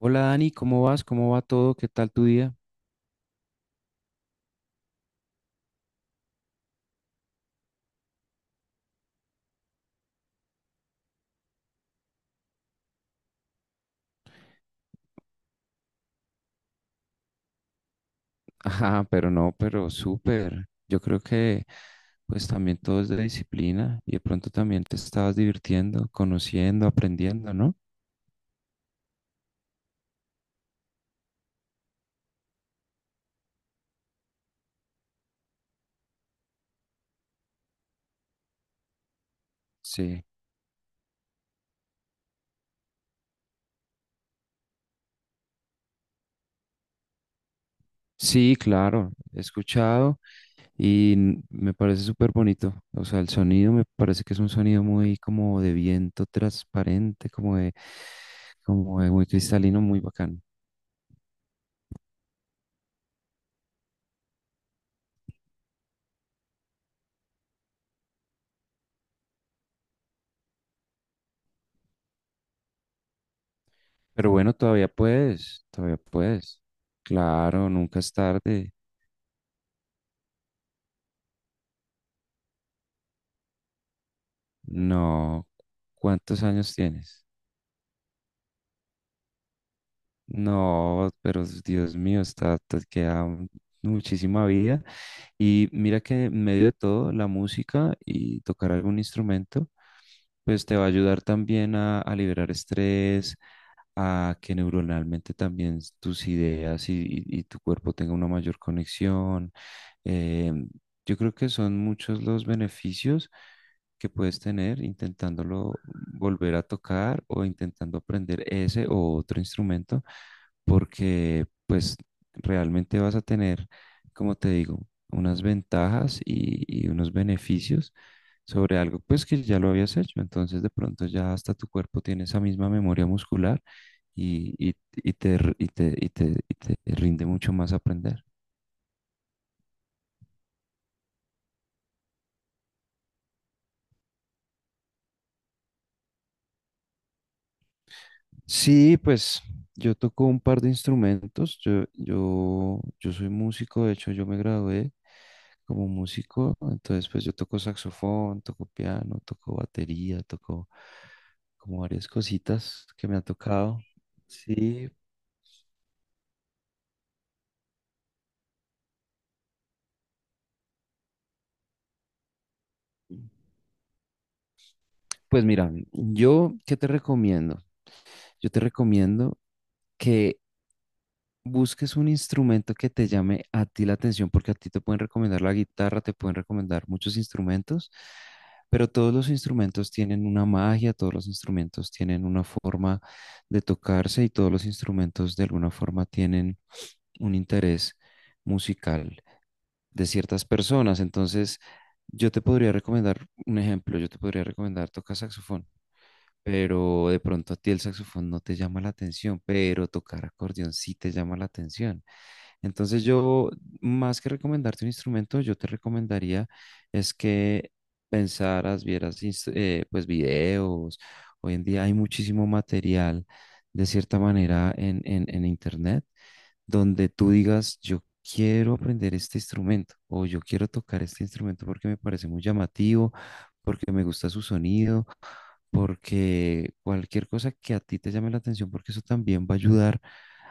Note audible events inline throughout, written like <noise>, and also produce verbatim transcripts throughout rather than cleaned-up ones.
Hola Dani, ¿cómo vas? ¿Cómo va todo? ¿Qué tal tu día? <laughs> Ajá, pero no, pero súper. Yo creo que pues también todo es de disciplina y de pronto también te estabas divirtiendo, conociendo, aprendiendo, ¿no? Sí. Sí, claro, he escuchado y n- me parece súper bonito. O sea, el sonido me parece que es un sonido muy como de viento transparente, como de, como de muy cristalino, muy bacán. Pero bueno, todavía puedes, todavía puedes. Claro, nunca es tarde. No, ¿cuántos años tienes? No, pero Dios mío, está, te queda un- muchísima vida. Y mira que en medio de todo, la música y tocar algún instrumento, pues te va a ayudar también a, a liberar estrés, a que neuronalmente también s- tus ideas y, y- y tu cuerpo tenga una mayor conexión. Eh, yo creo que son muchos los beneficios que puedes tener intentándolo volver a tocar o intentando aprender ese o otro instrumento, porque pues realmente vas a tener, como te digo, unas ventajas y, y unos beneficios sobre algo pues que ya lo habías hecho, entonces de pronto ya hasta tu cuerpo tiene esa misma memoria muscular y, y- y te, r- y te, y te, y te rinde mucho más aprender. Sí, pues yo toco un par de instrumentos. Yo, yo, yo soy músico, de hecho yo me gradué como músico, entonces pues yo toco saxofón, toco piano, toco batería, toco como varias cositas que me ha tocado. Sí, pues mira, yo, ¿qué te recomiendo? Yo te recomiendo... que busques un instrumento que te llame a ti la atención, porque a ti te pueden recomendar la guitarra, te pueden recomendar muchos instrumentos, pero todos los instrumentos tienen una magia, todos los instrumentos tienen una forma de tocarse y todos los instrumentos de alguna forma tienen un interés musical de ciertas personas. Entonces, yo te podría recomendar un ejemplo, yo te podría recomendar tocar saxofón. Pero de pronto a ti el saxofón no te llama la atención, pero tocar acordeón sí te llama la atención. Entonces yo, más que recomendarte un instrumento, yo te recomendaría es que pensaras, vieras, ins- eh, pues videos. Hoy en día hay muchísimo material, de cierta manera, en, en, en Internet, donde tú digas, yo quiero aprender este instrumento o yo quiero tocar este instrumento porque me parece muy llamativo, porque me gusta su sonido porque cualquier cosa que a ti te llame la atención, porque eso también va a ayudar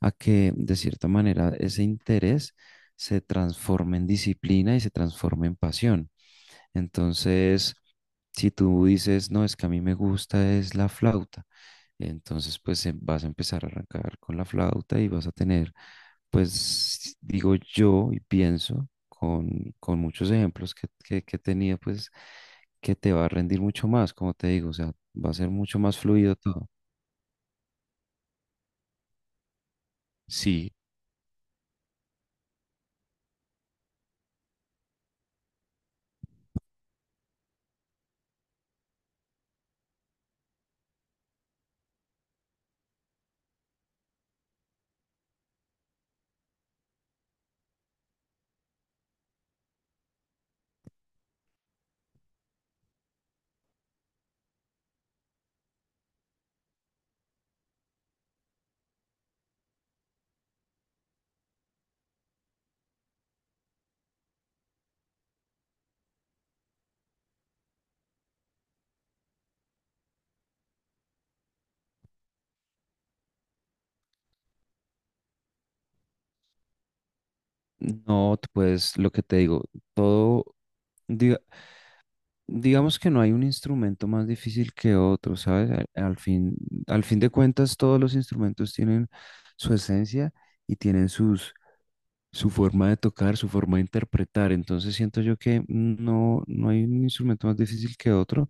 a que de cierta manera ese interés se transforme en disciplina y se transforme en pasión. Entonces, si tú dices, no, es que a mí me gusta es la flauta, entonces pues em- vas a empezar a arrancar con la flauta y vas a tener, pues digo yo y pienso con, con muchos ejemplos que, que, que tenía, pues que te va a rendir mucho más, como te digo, o sea, va a ser mucho más fluido todo. Sí, no, pues lo que te digo, todo, diga. Digamos que no hay un instrumento más difícil que otro, ¿sabes? Al, al fin, al fin de cuentas, todos los instrumentos tienen su esencia y tienen sus, su forma de tocar, su forma de interpretar. Entonces siento yo que no, no hay un instrumento más difícil que otro.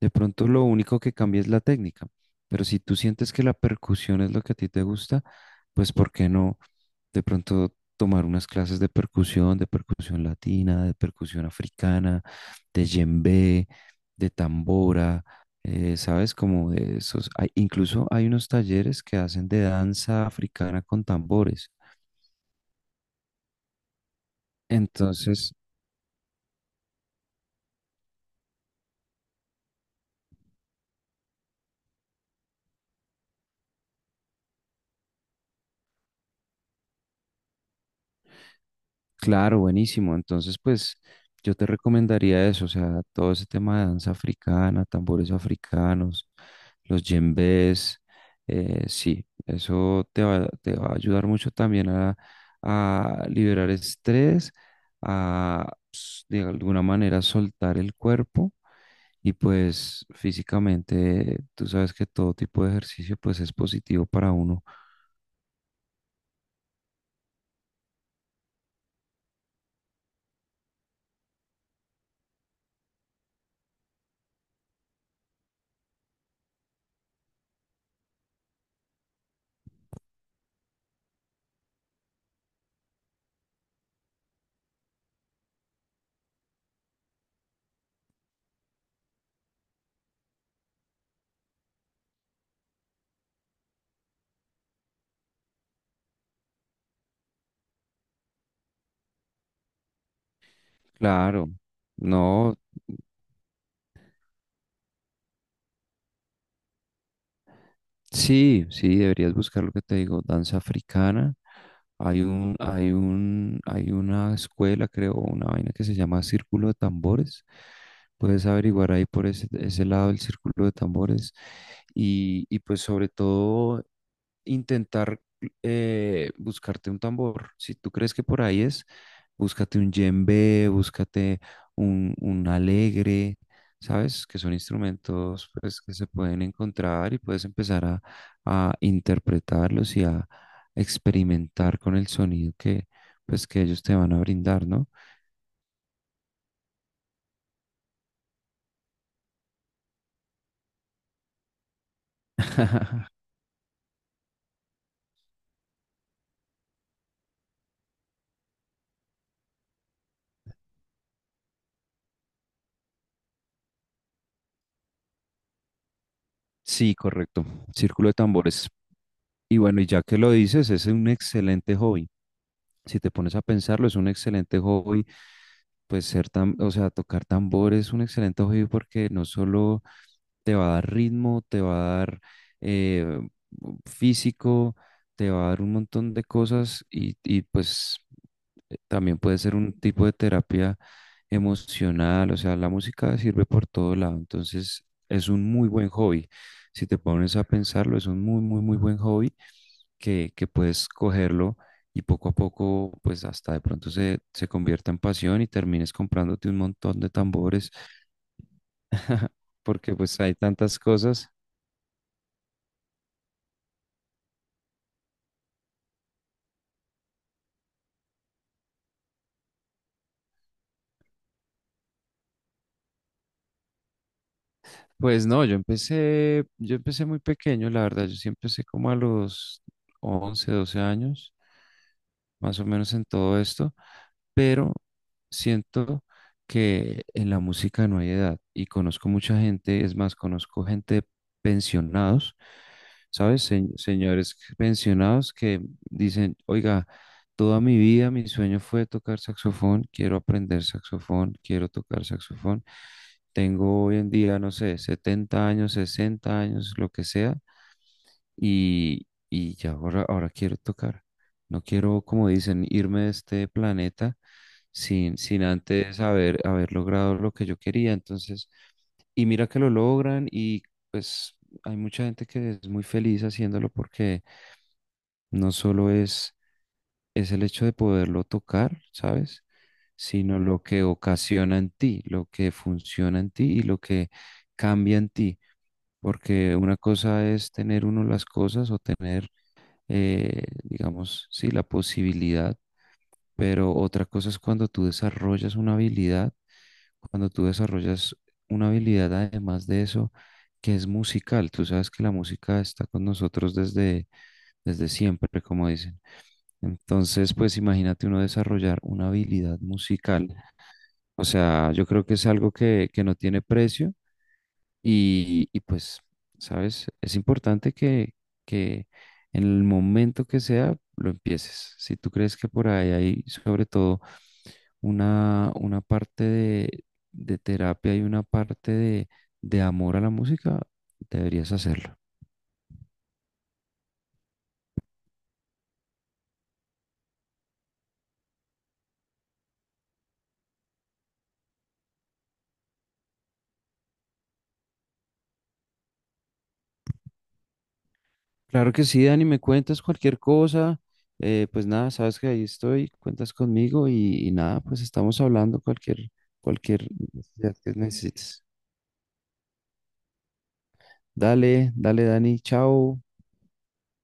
De pronto lo único que cambia es la técnica, pero si tú sientes que la percusión es lo que a ti te gusta, pues ¿por qué no de pronto tomar unas clases de percusión, de percusión latina, de percusión africana, de djembe, de tambora, eh, ¿sabes? Como de esos. Hay- incluso hay unos talleres que hacen de danza africana con tambores. Entonces, claro, buenísimo. Entonces, pues yo te recomendaría eso, o sea, todo ese tema de danza africana, tambores africanos, los djembes, eh, sí, eso te va, te va a ayudar mucho también a, a liberar estrés, a s- de alguna manera soltar el cuerpo y pues físicamente tú sabes que todo tipo de ejercicio pues es positivo para uno. Claro, no. Sí, sí, deberías buscar lo que te digo, danza africana. Hay un, hay un, hay una escuela, creo, una vaina que se llama Círculo de Tambores. Puedes averiguar ahí por ese, ese lado el Círculo de Tambores. Y, y pues sobre todo intentar eh, buscarte un tambor. Si tú crees que por ahí es, búscate un djembe, búscate un, un alegre, ¿sabes? Que son instrumentos pues, que se pueden encontrar y puedes empezar a, a interpretarlos y a experimentar con el sonido que, pues, que ellos te van a brindar, ¿no? Sí, correcto. Círculo de tambores. Y bueno, y ya que lo dices, es un excelente hobby. Si te pones a pensarlo, es un excelente hobby. Pues ser tan, o sea, tocar tambor es un excelente hobby porque no solo te va a dar ritmo, te va a dar eh, físico, te va a dar un montón de cosas y, y pues eh, también puede ser un tipo de terapia emocional, o sea, la música sirve por todo lado, entonces es un muy buen hobby. Si te pones a pensarlo, es un muy, muy, muy buen hobby que, que puedes cogerlo y poco a poco, pues hasta de pronto se, se convierta en pasión y termines comprándote un montón de tambores, <laughs> porque pues hay tantas cosas. Pues no, yo empecé, yo empecé muy pequeño, la verdad, yo sí empecé como a los once doce años más o menos en todo esto, pero siento que en la música no hay edad y conozco mucha gente, es más, conozco gente pensionados, ¿sabes? Se- señores pensionados que dicen, oiga, toda mi vida mi sueño fue tocar saxofón, quiero aprender saxofón, quiero tocar saxofón. Tengo hoy en día, no sé, setenta años, sesenta años, lo que sea y, y ya ahora, ahora quiero tocar. No quiero, como dicen, irme de este planeta sin, sin antes haber, haber logrado lo que yo quería. Entonces, y mira que lo logran y pues hay mucha gente que es muy feliz haciéndolo porque no solo es, es el hecho de poderlo tocar, ¿sabes? Sino lo que ocasiona en ti, lo que funciona en ti y lo que cambia en ti. Porque una cosa es tener uno las cosas o tener eh, digamos, sí, la posibilidad, pero otra cosa es cuando tú desarrollas una habilidad, cuando tú desarrollas una habilidad además de eso, que es musical. Tú sabes que la música está con nosotros desde, desde siempre, como dicen. Entonces, pues imagínate uno desarrollar una habilidad musical. O sea, yo creo que es algo que, que no tiene precio y, y pues, ¿sabes? Es importante que, que en el momento que sea lo empieces. Si tú crees que por ahí hay sobre todo una, una parte de, de terapia y una parte de, de amor a la música, deberías hacerlo. Claro que sí, Dani, me cuentas cualquier cosa. eh, pues nada, sabes que ahí estoy, cuentas conmigo y, y nada, pues estamos hablando cualquier, cualquier necesidad que necesites. Dale, dale, Dani, chao.